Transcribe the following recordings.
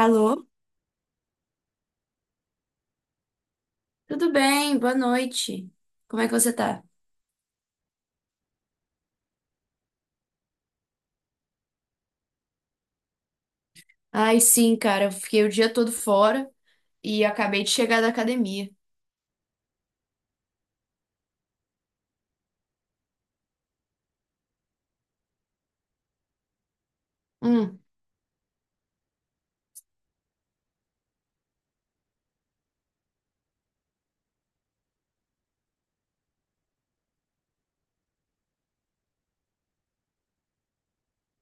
Alô? Tudo bem? Boa noite. Como é que você tá? Ai, sim, cara. Eu fiquei o dia todo fora e acabei de chegar da academia. Hum,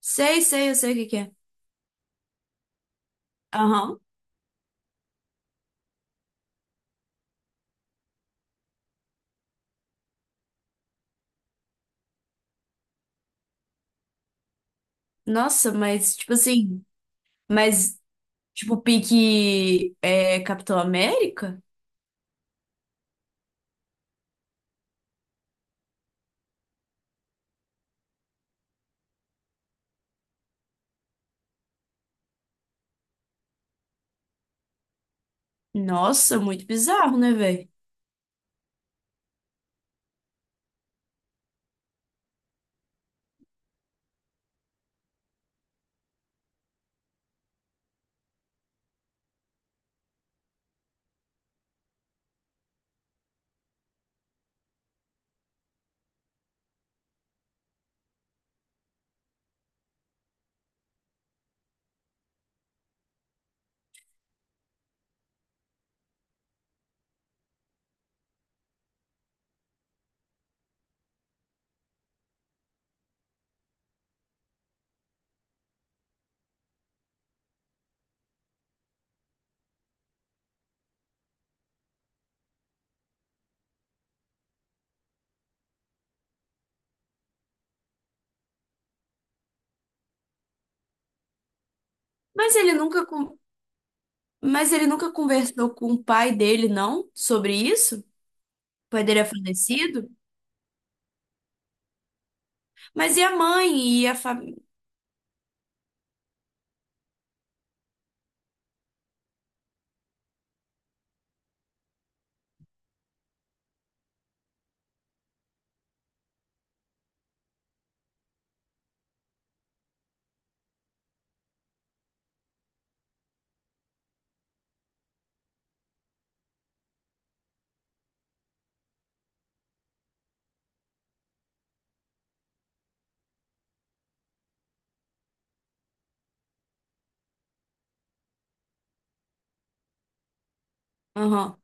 sei, eu sei o que que é. Aham. Nossa, mas, tipo assim, mas, tipo, pique é Capitão América? Nossa, muito bizarro, né, velho? Mas ele nunca, con- mas ele nunca conversou com o pai dele, não? Sobre isso? O pai dele é falecido? Mas e a mãe e a família? Aham.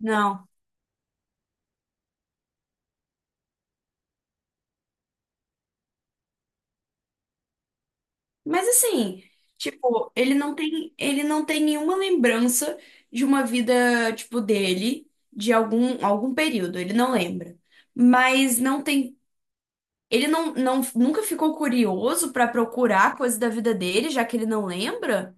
Não. Mas assim, tipo, ele não tem nenhuma lembrança de uma vida, tipo, dele, de algum, algum período, ele não lembra. Mas não tem, ele não, não nunca ficou curioso pra procurar coisa da vida dele, já que ele não lembra?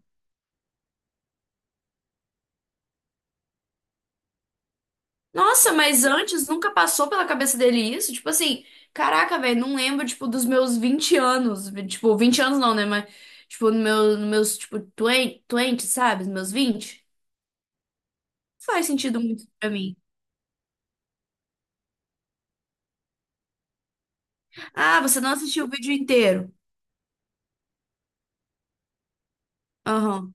Nossa, mas antes nunca passou pela cabeça dele isso? Tipo assim, caraca, velho, não lembro, tipo, dos meus 20 anos, tipo, 20 anos não, né, mas tipo, no meu, nos meus, tipo, 20, 20, sabe? Nos meus 20, não faz sentido muito pra mim. Ah, você não assistiu o vídeo inteiro. Aham,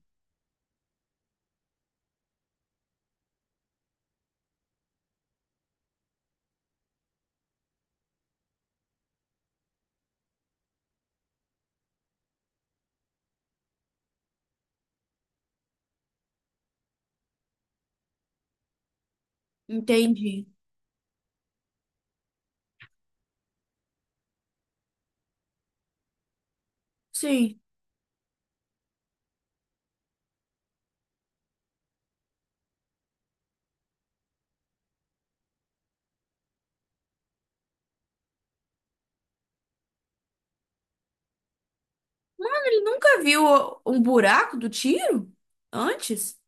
entendi. Sim. Ele nunca viu um buraco do tiro antes?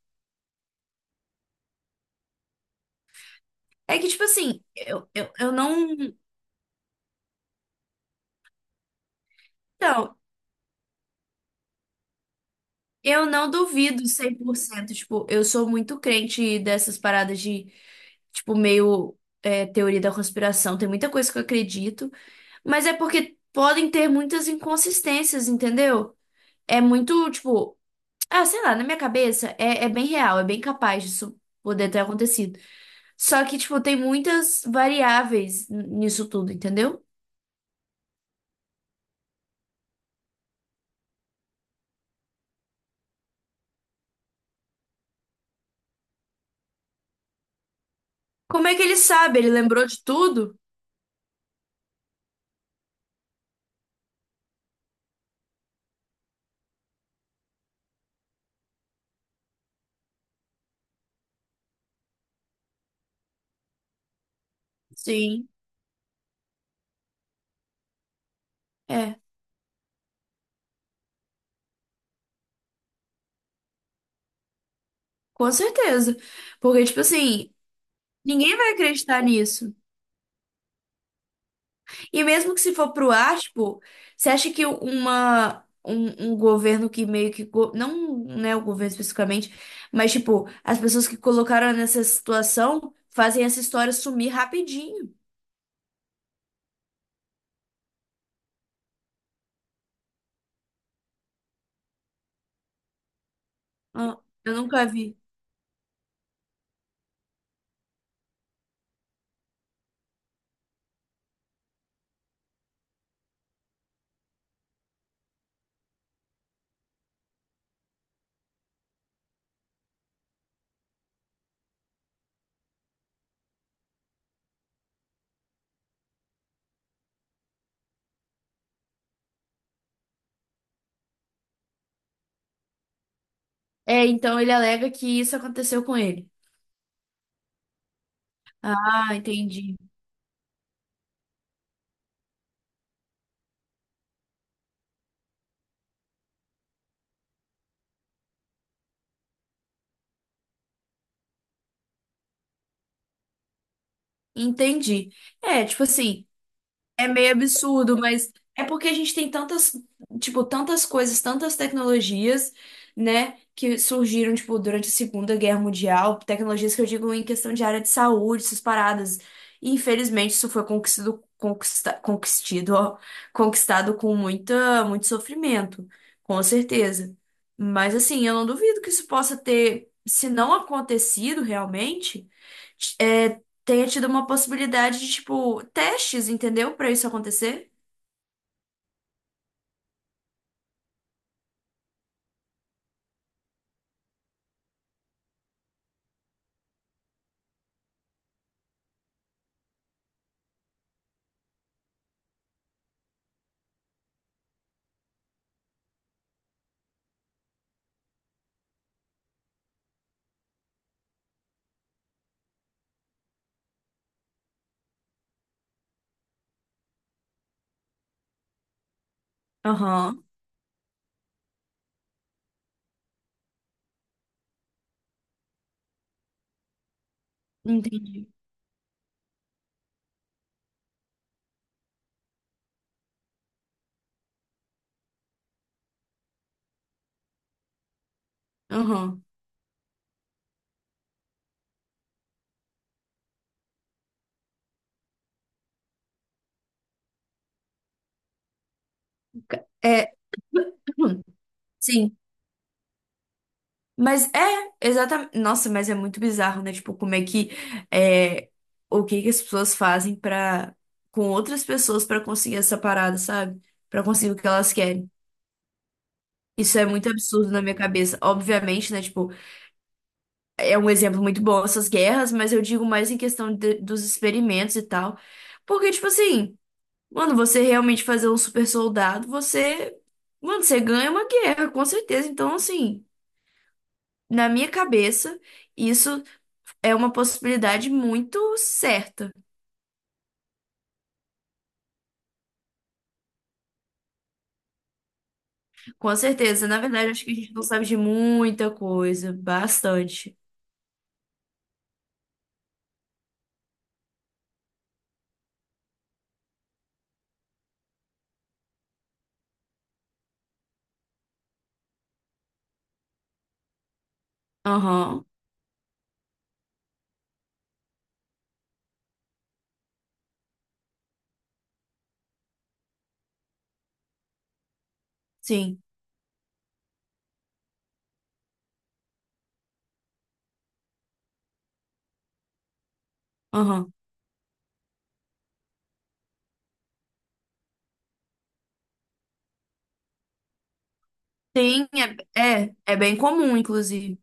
É que, tipo assim, eu não. Então, eu não duvido cem por cento. Tipo, eu sou muito crente dessas paradas de, tipo, meio é, teoria da conspiração. Tem muita coisa que eu acredito, mas é porque podem ter muitas inconsistências, entendeu? É muito, tipo. Ah, sei lá, na minha cabeça é bem real, é bem capaz disso poder ter acontecido. Só que, tipo, tem muitas variáveis nisso tudo, entendeu? Como é que ele sabe? Ele lembrou de tudo? Sim, é, com certeza. Porque, tipo assim, ninguém vai acreditar nisso. E mesmo que se for pro ar, tipo, você acha que uma. Um governo que meio que. Não, né, o governo especificamente, mas, tipo, as pessoas que colocaram nessa situação fazem essa história sumir rapidinho. Ah, eu nunca vi. É, então ele alega que isso aconteceu com ele. Ah, entendi. Entendi. É, tipo assim, é meio absurdo, mas é porque a gente tem tantas, tipo, tantas coisas, tantas tecnologias, né, que surgiram, tipo, durante a Segunda Guerra Mundial, tecnologias que eu digo em questão de área de saúde, essas paradas. E, infelizmente, isso foi conquistado, conquista, conquistido, ó, conquistado com muita, muito sofrimento, com certeza. Mas, assim, eu não duvido que isso possa ter, se não acontecido realmente é, tenha tido uma possibilidade de, tipo, testes, entendeu? Pra isso acontecer. Aham, entendi. Aham. É, sim. Mas é, exatamente. Nossa, mas é muito bizarro, né? Tipo, como é que. É, o que que as pessoas fazem para com outras pessoas para conseguir essa parada, sabe? Para conseguir o que elas querem. Isso é muito absurdo na minha cabeça. Obviamente, né? Tipo, é um exemplo muito bom essas guerras, mas eu digo mais em questão dos experimentos e tal. Porque, tipo assim. Mano, você realmente fazer um super soldado, você. Mano, você ganha uma guerra, com certeza. Então, assim, na minha cabeça, isso é uma possibilidade muito certa. Com certeza. Na verdade, acho que a gente não sabe de muita coisa. Bastante. Aham. Sim. Aham. Sim, é bem comum, inclusive.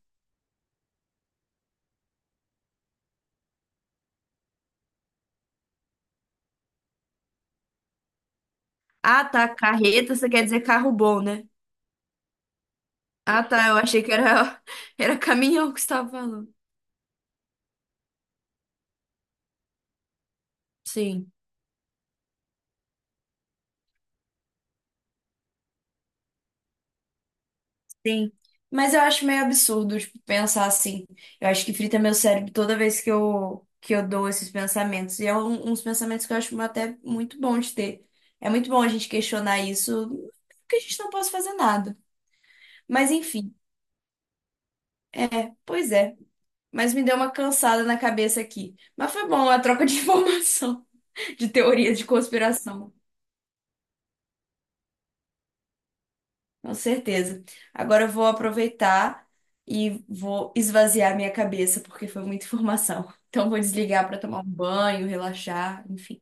Ah, tá. Carreta, você quer dizer carro bom, né? Ah, tá. Eu achei que era, era caminhão que você estava falando. Sim. Sim. Mas eu acho meio absurdo, tipo, pensar assim. Eu acho que frita meu cérebro toda vez que eu dou esses pensamentos. E é um, uns pensamentos que eu acho até muito bom de ter. É muito bom a gente questionar isso, porque a gente não pode fazer nada. Mas enfim, é, pois é. Mas me deu uma cansada na cabeça aqui. Mas foi bom a troca de informação, de teorias de conspiração. Com certeza. Agora eu vou aproveitar e vou esvaziar minha cabeça, porque foi muita informação. Então vou desligar para tomar um banho, relaxar, enfim.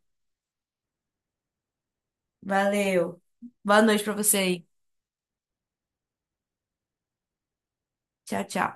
Valeu. Boa noite para você aí. Tchau, tchau.